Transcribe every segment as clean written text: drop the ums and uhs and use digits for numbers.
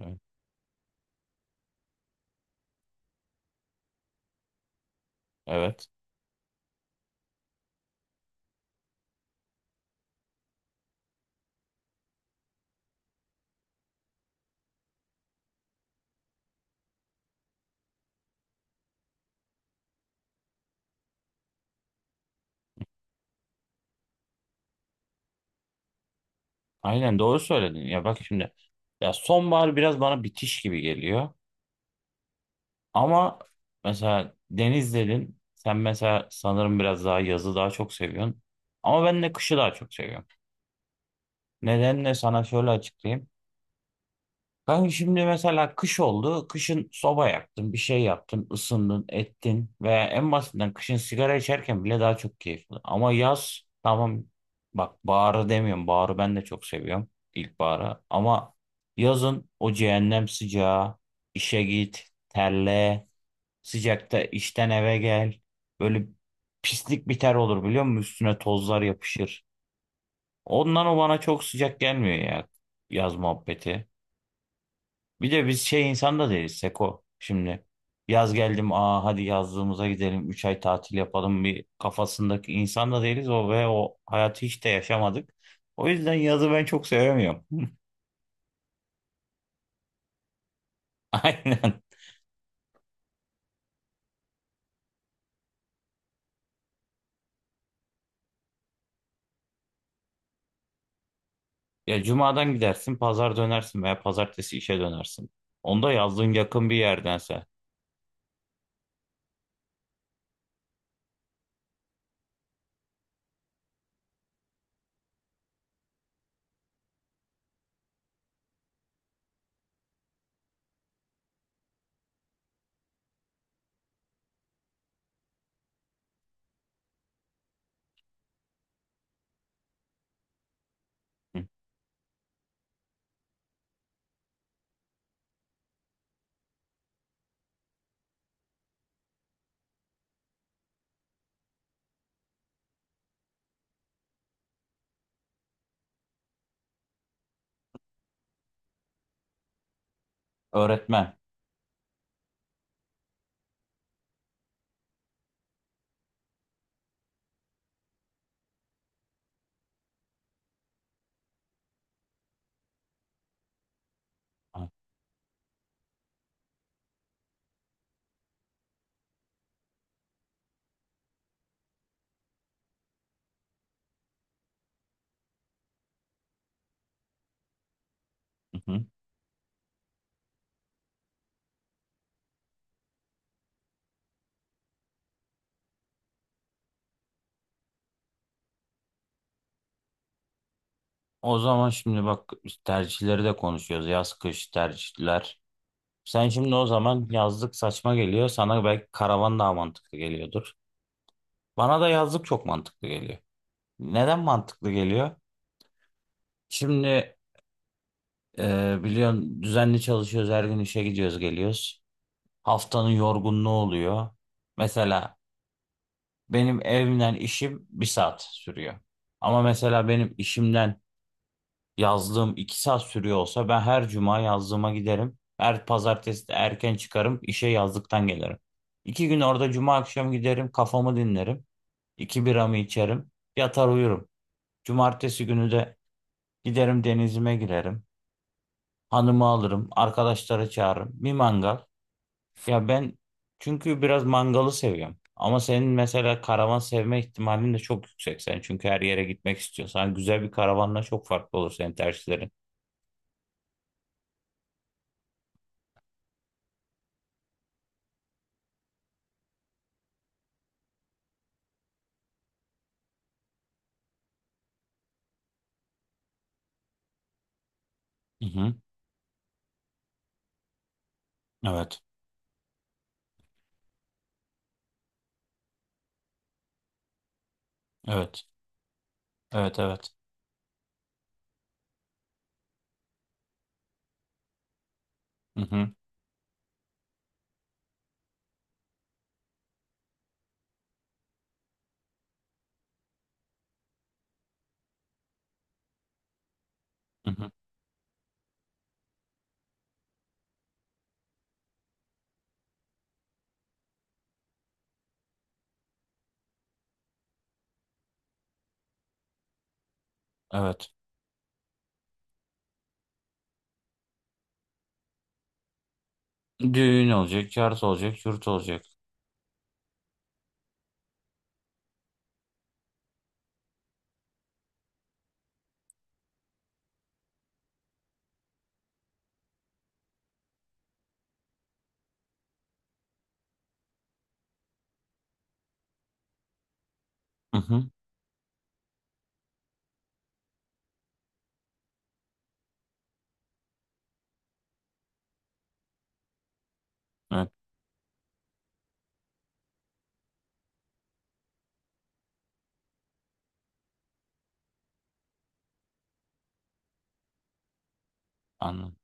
Hı, evet. Aynen doğru söyledin. Ya bak şimdi. Ya sonbahar biraz bana bitiş gibi geliyor. Ama mesela deniz dedin. Sen mesela sanırım biraz daha yazı daha çok seviyorsun. Ama ben de kışı daha çok seviyorum. Nedenle sana şöyle açıklayayım. Kanka şimdi mesela kış oldu. Kışın soba yaktın, bir şey yaptın, ısındın, ettin. Veya en basitinden kışın sigara içerken bile daha çok keyifli. Ama yaz tamam, bak baharı demiyorum. Baharı ben de çok seviyorum. İlkbaharı. Ama yazın o cehennem sıcağı, işe git, terle, sıcakta işten eve gel. Böyle pislik bir ter olur biliyor musun? Üstüne tozlar yapışır. Ondan o bana çok sıcak gelmiyor ya, yaz muhabbeti. Bir de biz şey insan da değiliz Seko. Şimdi yaz geldim aa hadi yazlığımıza gidelim 3 ay tatil yapalım bir kafasındaki insan da değiliz o ve o hayatı hiç de yaşamadık. O yüzden yazı ben çok sevemiyorum. Aynen. Ya cumadan gidersin pazar dönersin veya pazartesi işe dönersin. Onda yazlığın yakın bir yerdense. Hı. Öğretmen. Ha, hı hı. O zaman şimdi bak biz tercihleri de konuşuyoruz. Yaz kış tercihler. Sen şimdi o zaman yazlık saçma geliyor. Sana belki karavan daha mantıklı geliyordur. Bana da yazlık çok mantıklı geliyor. Neden mantıklı geliyor? Şimdi biliyorsun düzenli çalışıyoruz. Her gün işe gidiyoruz geliyoruz. Haftanın yorgunluğu oluyor. Mesela benim evimden işim bir saat sürüyor. Ama mesela benim işimden yazdığım iki saat sürüyor olsa ben her cuma yazdığıma giderim. Her pazartesi de erken çıkarım işe yazdıktan gelirim. İki gün orada cuma akşam giderim kafamı dinlerim. İki biramı içerim yatar uyurum. Cumartesi günü de giderim denizime girerim. Hanımı alırım arkadaşları çağırırım bir mangal. Ya ben çünkü biraz mangalı seviyorum. Ama senin mesela karavan sevme ihtimalin de çok yüksek sen. Çünkü her yere gitmek istiyorsan güzel bir karavanla çok farklı olur senin tercihlerin. Hı hı. Evet. Evet. Evet evet. Hı hı. Hı hı. Evet. Düğün olacak, yurt olacak, yurt olacak. Hı hı. Evet, anladım.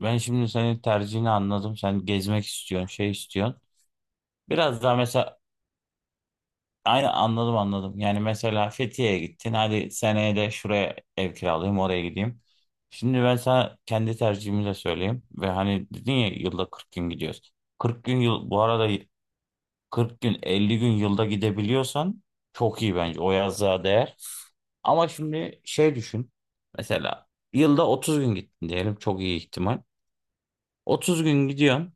Ben şimdi senin tercihini anladım. Sen gezmek istiyorsun, şey istiyorsun. Biraz daha mesela aynı anladım anladım. Yani mesela Fethiye'ye gittin. Hadi seneye de şuraya ev kiralayayım, oraya gideyim. Şimdi ben sana kendi tercihimi de söyleyeyim. Ve hani dedin ya yılda 40 gün gidiyoruz. 40 gün yıl bu arada, 40 gün 50 gün yılda gidebiliyorsan çok iyi bence o yazlığa değer. Ama şimdi şey düşün. Mesela yılda 30 gün gittin diyelim çok iyi ihtimal. 30 gün gidiyorsun.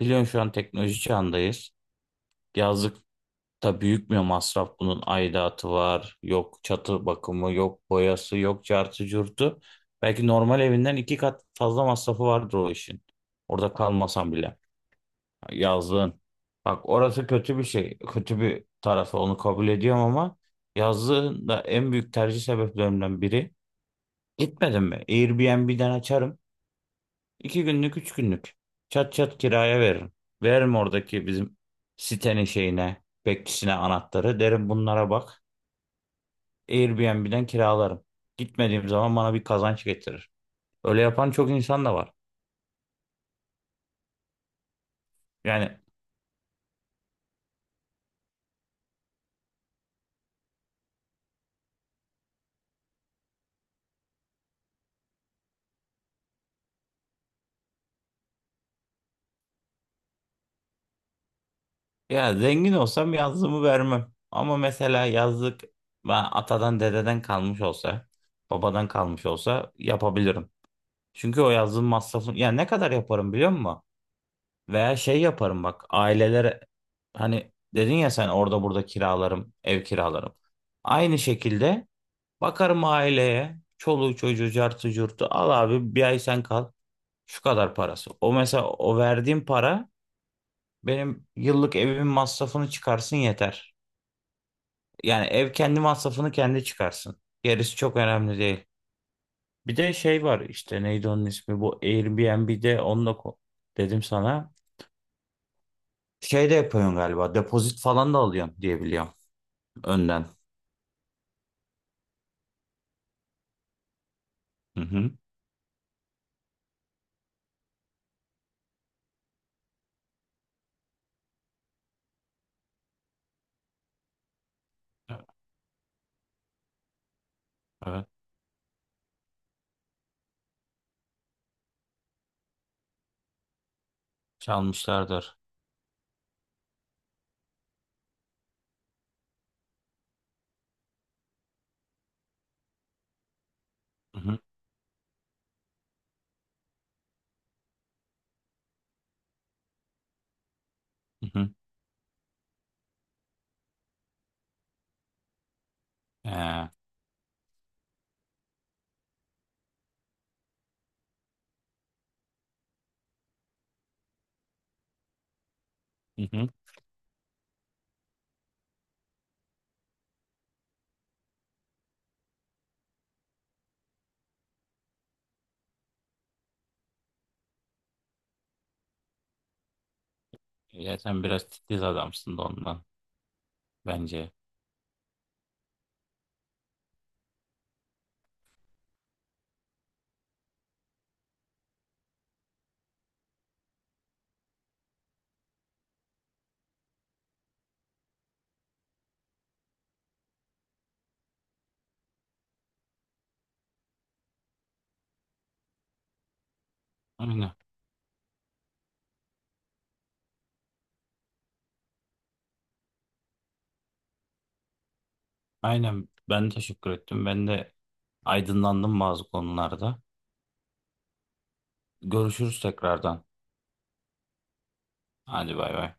Biliyorsun şu an teknoloji çağındayız. Yazlıkta büyük bir masraf bunun aidatı var. Yok çatı bakımı, yok boyası, yok cartı curtu. Belki normal evinden iki kat fazla masrafı vardır o işin. Orada kalmasan bile. Yazlığın. Bak orası kötü bir şey. Kötü bir tarafı onu kabul ediyorum ama yazlığın da en büyük tercih sebeplerimden biri. Gitmedim mi? Airbnb'den açarım. İki günlük, üç günlük. Çat çat kiraya veririm. Veririm oradaki bizim sitenin şeyine, bekçisine anahtarı. Derim bunlara bak. Airbnb'den kiralarım. Gitmediğim zaman bana bir kazanç getirir. Öyle yapan çok insan da var. Yani. Ya zengin olsam yazlığımı vermem. Ama mesela yazlık ben atadan dededen kalmış olsa, babadan kalmış olsa yapabilirim. Çünkü o yazlığın masrafını ya ne kadar yaparım biliyor musun? Veya şey yaparım bak ailelere, hani dedin ya sen orada burada kiralarım, ev kiralarım. Aynı şekilde bakarım aileye, çoluğu çocuğu cartı curtu al abi bir ay sen kal. Şu kadar parası. O mesela o verdiğim para benim yıllık evimin masrafını çıkarsın yeter. Yani ev kendi masrafını kendi çıkarsın. Gerisi çok önemli değil. Bir de şey var işte neydi onun ismi bu Airbnb'de onunla dedim sana. Şey de yapıyorsun galiba depozit falan da alıyorsun diye biliyorum önden. Hı hı. Evet, çalmışlardır. Hı hı. Hı hı. Ee, hı hı. Ya sen biraz titiz adamsın da ondan bence. Aynen. Aynen ben teşekkür ettim. Ben de aydınlandım bazı konularda. Görüşürüz tekrardan. Hadi bay bay.